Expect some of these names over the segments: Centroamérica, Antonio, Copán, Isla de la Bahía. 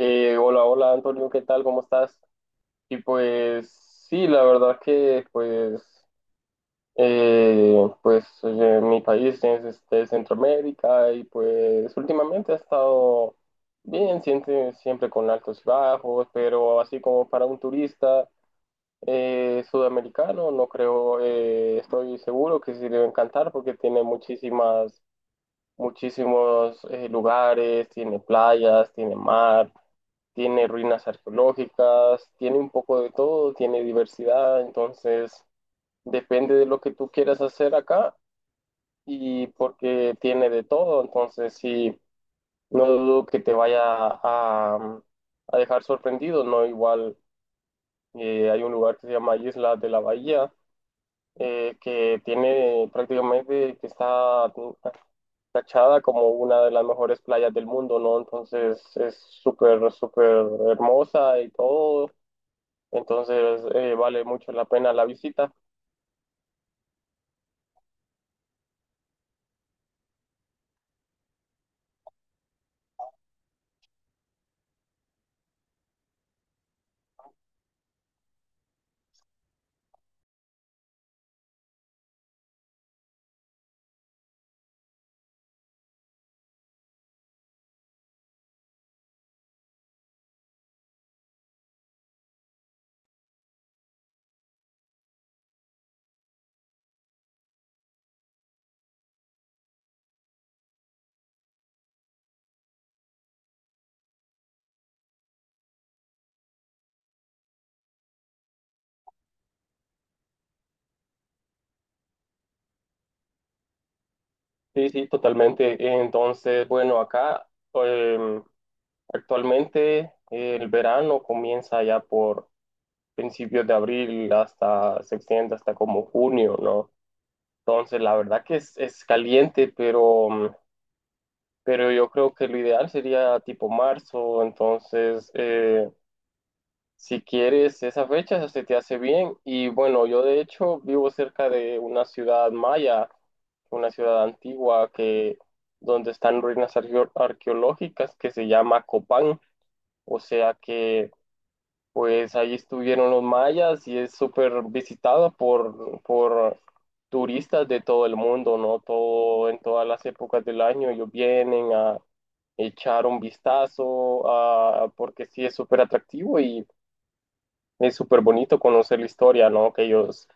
Hola, hola Antonio, ¿qué tal? ¿Cómo estás? Y pues sí, la verdad que eh, pues mi país es este, Centroamérica, y pues últimamente ha estado bien, siempre con altos y bajos, pero así como para un turista sudamericano, no creo, estoy seguro que sí le va a encantar, porque tiene muchísimos lugares, tiene playas, tiene mar, tiene ruinas arqueológicas, tiene un poco de todo, tiene diversidad. Entonces depende de lo que tú quieras hacer acá, y porque tiene de todo, entonces sí, no dudo que te a dejar sorprendido, ¿no? Igual hay un lugar que se llama Isla de la Bahía, que tiene que está tachada como una de las mejores playas del mundo, ¿no? Entonces es súper, súper hermosa y todo. Entonces, vale mucho la pena la visita. Sí, sí, totalmente. Entonces, bueno, acá em, actualmente el verano comienza ya por principios de abril, hasta se extiende hasta como junio, ¿no? Entonces la verdad que es caliente, pero, pero yo creo que lo ideal sería tipo marzo. Si quieres esa fecha, se te hace bien. Y bueno, yo de hecho vivo cerca de una ciudad maya, una ciudad antigua, que donde están ruinas arqueológicas, que se llama Copán. O sea que pues ahí estuvieron los mayas, y es súper visitada por turistas de todo el mundo, ¿no? Todo, en todas las épocas del año ellos vienen a echar un vistazo, a, porque sí es súper atractivo, y es súper bonito conocer la historia, ¿no? Que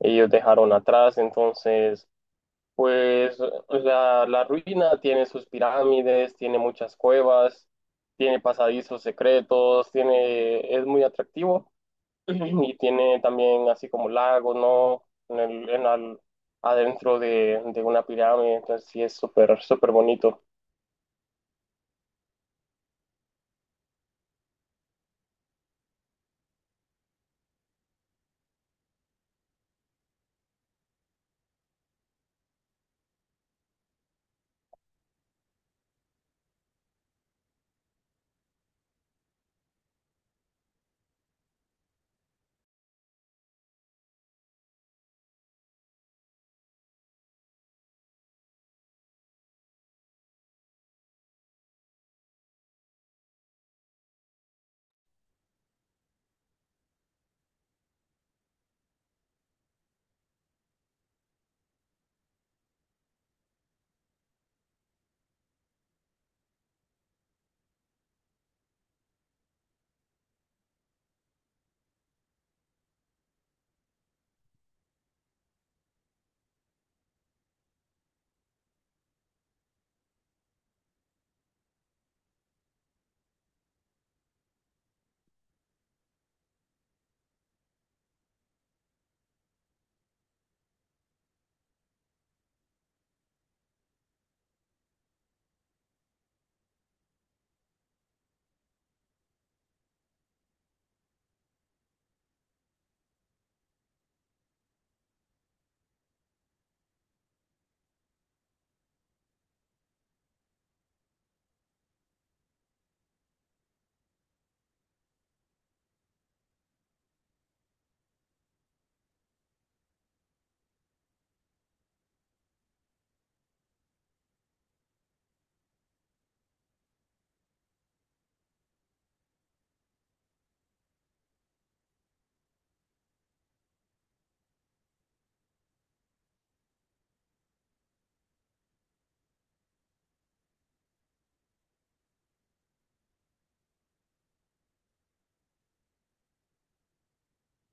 ellos dejaron atrás. Entonces pues la ruina tiene sus pirámides, tiene muchas cuevas, tiene pasadizos secretos, tiene, es muy atractivo, y tiene también así como lagos, ¿no? En el, en al- Adentro de una pirámide. Entonces sí, es súper, súper bonito.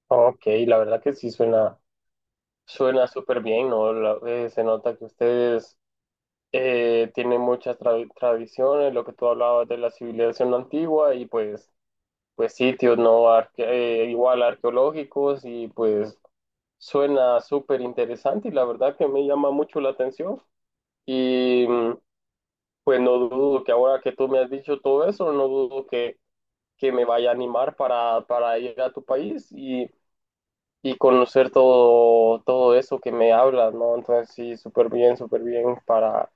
Ok, la verdad que sí suena, suena súper bien, ¿no? Se nota que ustedes tiene muchas tradiciones, lo que tú hablabas de la civilización antigua, y pues, pues sitios no Arque- igual arqueológicos, y pues suena súper interesante, y la verdad que me llama mucho la atención, y pues no dudo que, ahora que tú me has dicho todo eso, no que me vaya a animar para ir a tu país, y conocer todo, todo eso que me hablas, ¿no? Entonces sí, súper bien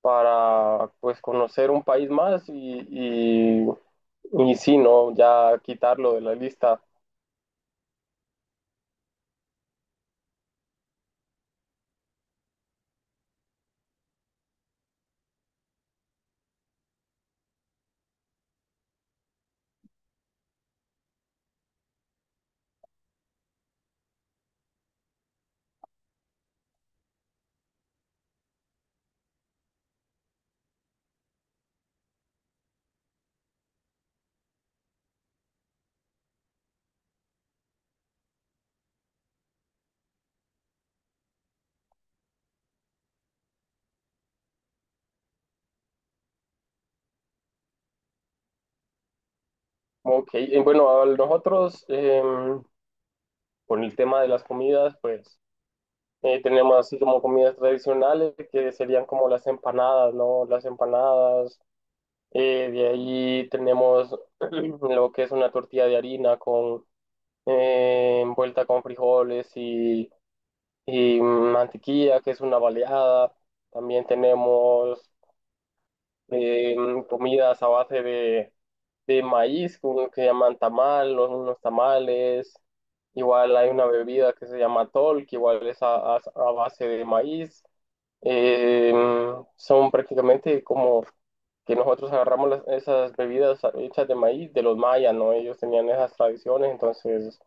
para pues conocer un país más, y sí, ¿no? Ya quitarlo de la lista. Ok, y bueno, a nosotros con el tema de las comidas, pues tenemos así como comidas tradicionales que serían como las empanadas, ¿no? Las empanadas, de ahí tenemos lo que es una tortilla de harina con envuelta con frijoles, y mantequilla, que es una baleada. También tenemos eh, comidas a base de maíz, unos que llaman tamal, unos tamales. Igual hay una bebida que se llama tol, que igual es a base de maíz. Eh, Son prácticamente como que nosotros agarramos esas bebidas hechas de maíz de los mayas, ¿no? Ellos tenían esas tradiciones, entonces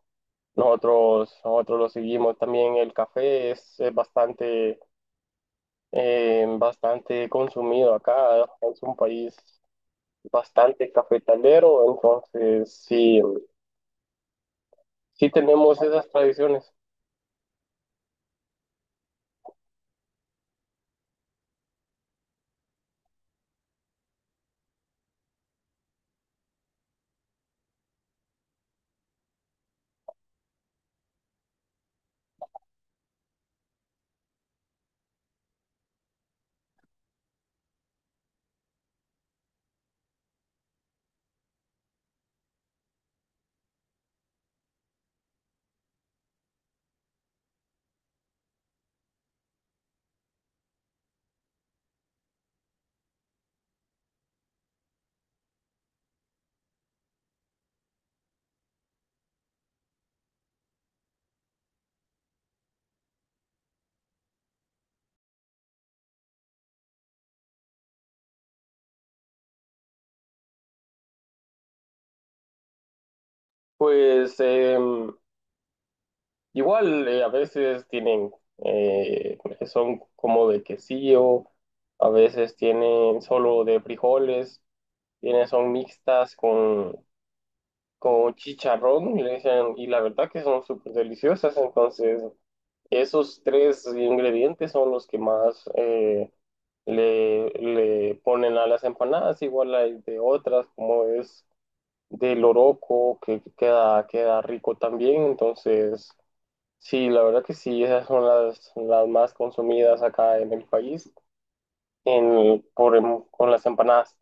nosotros lo seguimos. También el café es bastante, bastante consumido acá, es un país bastante cafetalero, entonces sí, sí tenemos esas tradiciones. Pues igual a veces tienen, eh, son como de quesillo, a veces tienen solo de frijoles, tienen, son mixtas con chicharrón, le dicen, y la verdad que son súper deliciosas. Entonces esos tres ingredientes son los que más le, le ponen a las empanadas. Igual hay de otras, como es del oroco, que queda, queda rico también. Entonces sí, la verdad que sí, esas son las más consumidas acá en el país, con las empanadas.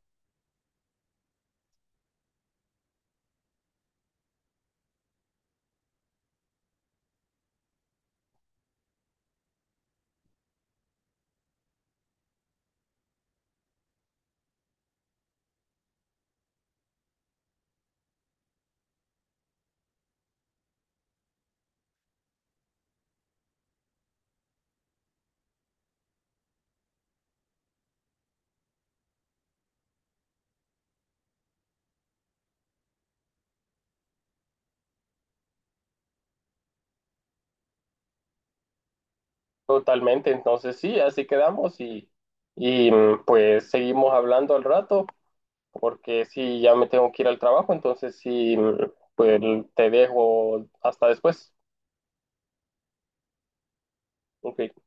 Totalmente, entonces sí, así quedamos, y pues seguimos hablando al rato, porque sí, ya me tengo que ir al trabajo, entonces sí, pues te dejo hasta después. Ok.